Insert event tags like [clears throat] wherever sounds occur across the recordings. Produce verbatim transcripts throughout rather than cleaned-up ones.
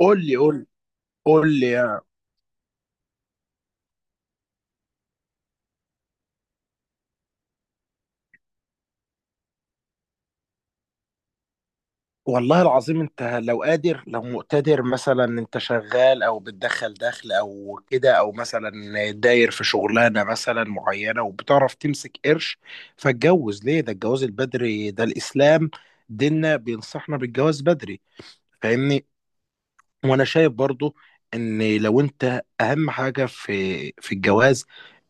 قول لي قول لي قول لي يا- والله العظيم. انت لو قادر، لو مقتدر، مثلا انت شغال او بتدخل دخل او كده، او مثلا داير في شغلانه مثلا معينه وبتعرف تمسك قرش، فاتجوز ليه؟ ده الجواز البدري، ده الاسلام، ديننا بينصحنا بالجواز بدري، فاهمني. وانا شايف برضو ان لو انت اهم حاجه في في الجواز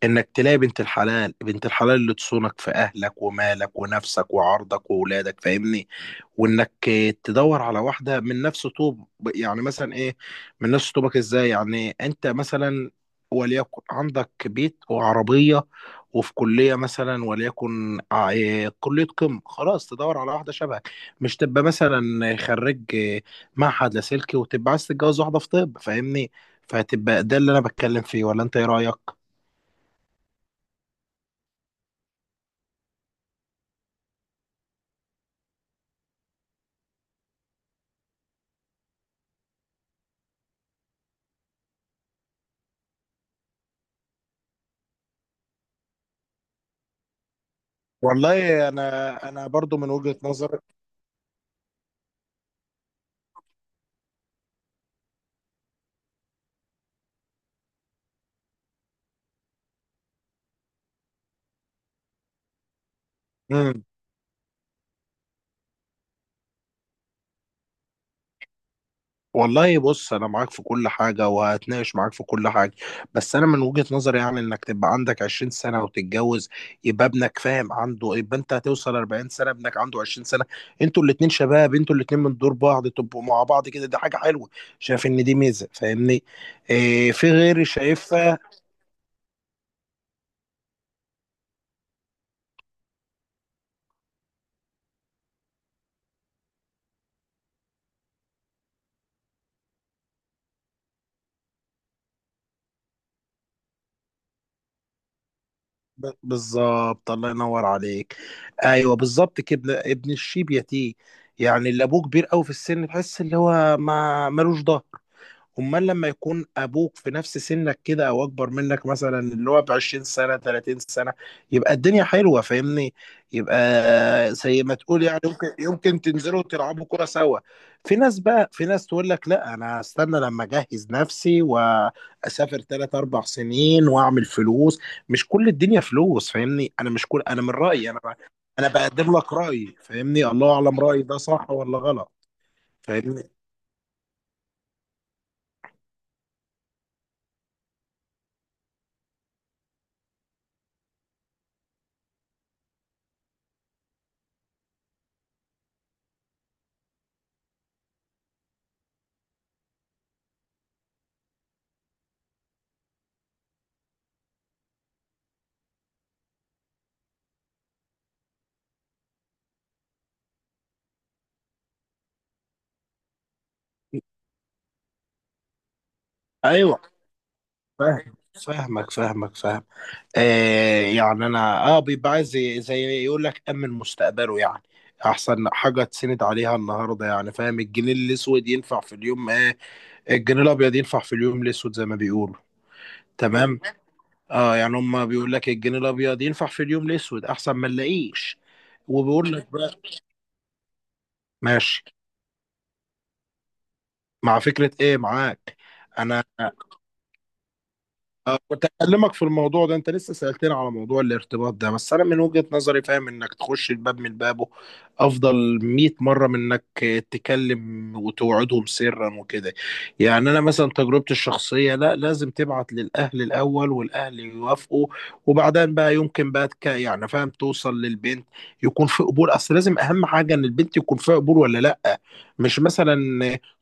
انك تلاقي بنت الحلال، بنت الحلال اللي تصونك في اهلك ومالك ونفسك وعرضك واولادك، فاهمني. وانك تدور على واحده من نفس طوب. يعني مثلا ايه؟ من نفس طوبك ازاي؟ يعني انت مثلا وليكن عندك بيت وعربيه وفي كليه مثلا، وليكن ع- إيه كليه قمه، خلاص تدور على واحده شبهك. مش تبقى مثلا خريج إيه، معهد لاسلكي، وتبقى عايز تتجوز واحده في طب، فاهمني. فهتبقى ده اللي انا بتكلم فيه، ولا انت ايه رايك؟ والله انا انا برضو من وجهه نظري. والله بص انا معاك في كل حاجه، وهتناقش معاك في كل حاجه، بس انا من وجهه نظري يعني انك تبقى عندك عشرين سنه وتتجوز، يبقى ابنك فاهم عنده، يبقى انت هتوصل أربعين سنه ابنك عنده عشرين سنه، انتوا الاتنين شباب، انتوا الاتنين من دور بعض، تبقوا مع بعض كده، دي حاجه حلوه. شايف ان دي ميزه، فاهمني. إيه في غيري شايفها؟ ب- بالظبط، الله ينور عليك. ايوه بالظبط كده، ابن ابن الشيب يتيه، يعني اللي ابوه كبير قوي في السن تحس اللي هو ما ملوش ظهر. امال لما يكون ابوك في نفس سنك كده، او اكبر منك مثلا اللي هو ب عشرين سنه تلاتين سنه، يبقى الدنيا حلوه، فاهمني. يبقى زي ما تقول يعني، يمكن يمكن تنزلوا تلعبوا كره سوا. في ناس بقى، في ناس تقول لك لا انا هستنى لما اجهز نفسي واسافر ثلاث اربع سنين واعمل فلوس. مش كل الدنيا فلوس، فاهمني. انا مش كل، انا من رايي انا، انا بقدم لك رايي، فاهمني، الله اعلم رايي ده صح ولا غلط. فاهمني؟ ايوه فاهم. فاهمك فاهمك فاهم. آه يعني انا اه بيبقى عايز زي زي يقول لك امن مستقبله، يعني احسن حاجه تسند عليها النهارده، يعني فاهم الجنيه الاسود ينفع في اليوم آه، الجنيه الابيض ينفع في اليوم الاسود زي ما بيقولوا. تمام. اه يعني هم بيقول لك الجنيه الابيض ينفع في اليوم الاسود، احسن ما نلاقيش. وبيقول لك بقى. ماشي. مع فكره ايه معاك؟ انا آه، كنت اكلمك في الموضوع ده، انت لسه سألتني على موضوع الارتباط ده. بس انا من وجهة نظري فاهم انك تخش الباب من بابه افضل مية مرة من انك تكلم وتوعدهم سرا وكده. يعني انا مثلا تجربتي الشخصية، لا لازم تبعت للاهل الاول والاهل يوافقوا، وبعدين بقى يمكن بقى تك- يعني فاهم توصل للبنت، يكون في قبول. اصل لازم اهم حاجة ان البنت يكون فيها قبول ولا لا. مش مثلا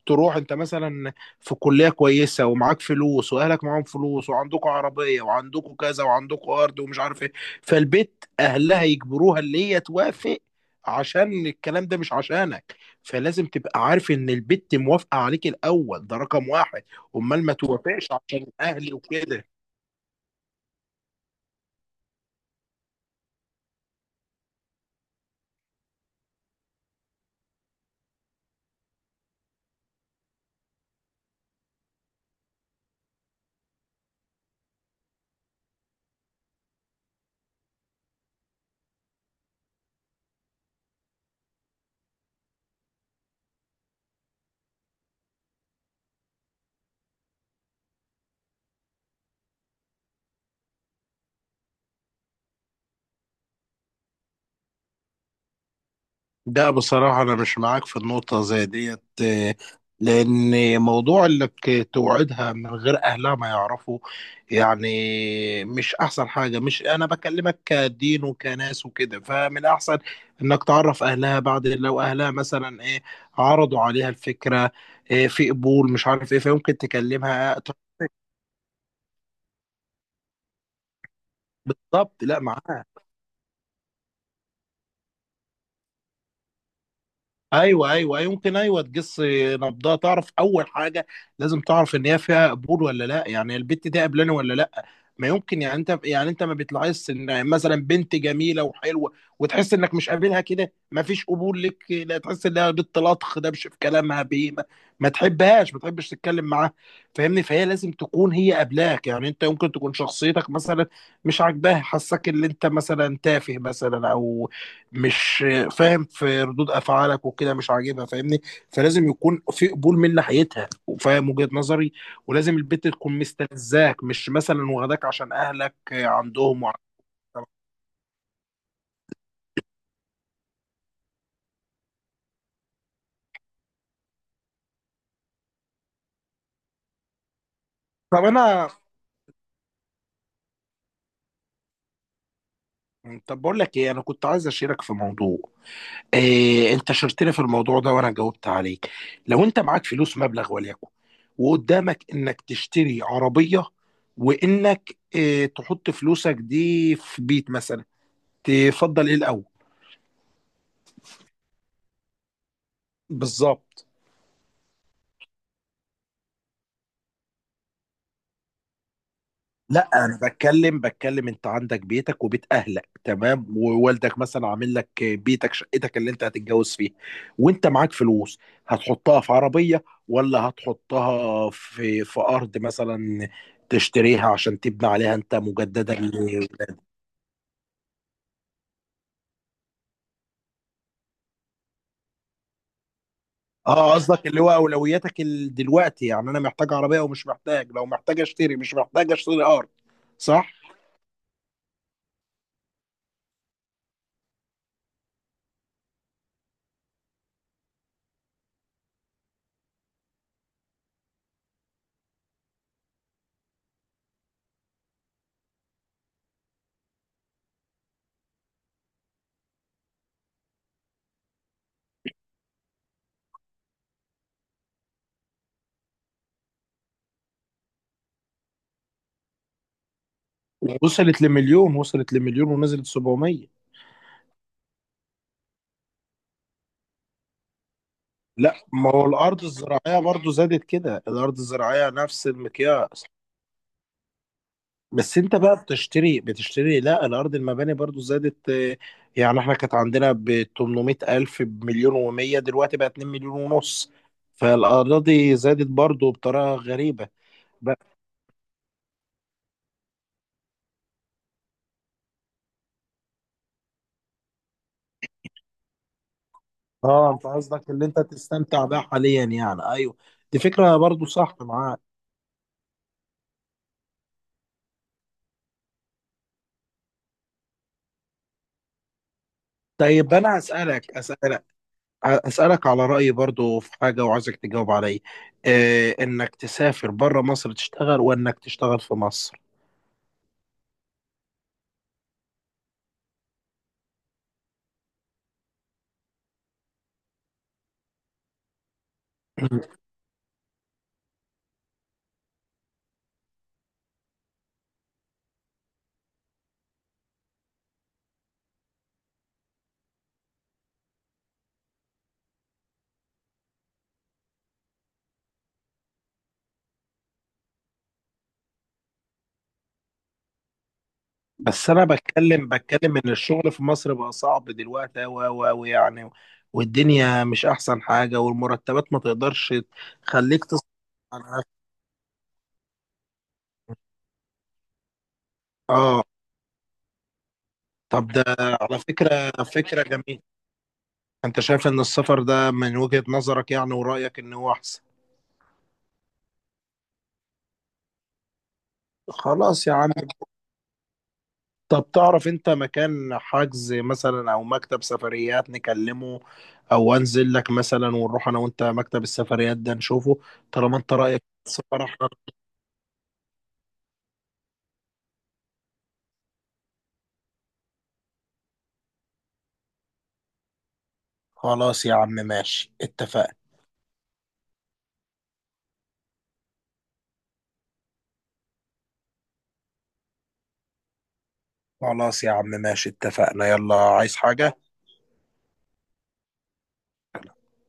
تروح انت مثلا في كلية كويسة ومعاك فلوس وأهلك معاهم فلوس وعندكوا عربية وعندكوا كذا وعندكوا أرض ومش عارف إيه، فالبيت أهلها يجبروها اللي هي توافق عشان الكلام ده، مش عشانك. فلازم تبقى عارف إن البت موافقة عليك الأول، ده رقم واحد. أمال ما توافقش عشان أهلي وكده. ده بصراحة أنا مش معاك في النقطة زي ديت، آه، لأن موضوع إنك توعدها من غير أهلها ما يعرفوا يعني مش أحسن حاجة. مش أنا بكلمك كدين وكناس وكده، فمن الأحسن إنك تعرف أهلها بعد. لو أهلها مثلا إيه عرضوا عليها الفكرة، إيه في قبول مش عارف إيه، فيمكن تكلمها. بالظبط، لا معاك. ايوه ايوه أيوة، يمكن ايوه تقص نبضها، تعرف اول حاجه. لازم تعرف ان هي فيها قبول ولا لا، يعني البت دي قبلاني ولا لا. ما يمكن يعني انت، يعني انت ما بتلاحظش ان مثلا بنت جميله وحلوه، وتحس انك مش قابلها كده، ما فيش قبول لك، لا تحس انها بنت لطخ دبش في كلامها بيه، ما, ما تحبهاش، ما تحبش تتكلم معاها، فاهمني. فهي لازم تكون هي قبلاك. يعني انت يمكن تكون شخصيتك مثلا مش عاجباها، حاساك ان انت مثلا تافه مثلا، او مش فاهم في ردود افعالك وكده مش عاجبها، فاهمني. فلازم يكون في قبول من ناحيتها، وفاهم وجهة نظري. ولازم البنت تكون مستلزاك، مش مثلا واخداك عشان اهلك عندهم وع... طب انا طب بقول لك ايه، انا كنت عايز اشيرك في موضوع إيه. انت شاركتني في الموضوع ده وانا جاوبت عليك. لو انت معاك فلوس مبلغ وليكن، وقدامك انك تشتري عربية، وانك إيه تحط فلوسك دي في بيت مثلا، تفضل ايه الاول؟ بالظبط. لا انا بتكلم بتكلم، انت عندك بيتك وبيت اهلك تمام، ووالدك مثلا عامل لك بيتك شقتك اللي انت هتتجوز فيها، وانت معاك فلوس، هتحطها في عربية ولا هتحطها في في ارض مثلا تشتريها عشان تبني عليها انت مجددا ل-؟ اه قصدك اللي هو اولوياتك ال- دلوقتي، يعني انا محتاج عربية ومش محتاج. لو محتاج اشتري، مش محتاج اشتري ارض. صح. وصلت لمليون، وصلت لمليون ونزلت سبعمية. لا ما هو الارض الزراعيه برضو زادت كده، الارض الزراعيه نفس المقياس. بس انت بقى بتشتري بتشتري لا. الارض المباني برضو زادت آه، يعني احنا كانت عندنا ب تمنميه الف بمليون وميه، دلوقتي بقى اتنين مليون ونص. فالاراضي زادت برضو بطريقه غريبه بقى. اه انت قصدك اللي انت تستمتع بيها حاليا، يعني ايوه دي فكره برضو صح معاك. طيب انا اسالك اسالك أسألك على رأيي برضو في حاجة، وعايزك تجاوب عليا إيه. إنك تسافر بره مصر تشتغل، وإنك تشتغل في مصر. [clears throat] بس أنا بتكلم بتكلم إن الشغل في مصر بقى صعب دلوقتي أوي أوي أوي، يعني والدنيا مش أحسن حاجة، والمرتبات ما تقدرش تخليك تصرف على نفسك. آه. طب ده على فكرة فكرة جميلة. أنت شايف إن السفر ده من وجهة نظرك، يعني ورأيك إن هو أحسن. خلاص يا عم. طب تعرف انت مكان حجز مثلا او مكتب سفريات نكلمه، او انزل لك مثلا ونروح انا وانت مكتب السفريات ده نشوفه طالما انت رأيك السفر؟ احنا خلاص يا عم، ماشي اتفقنا. خلاص يا عم، ماشي اتفقنا. يلا عايز حاجة؟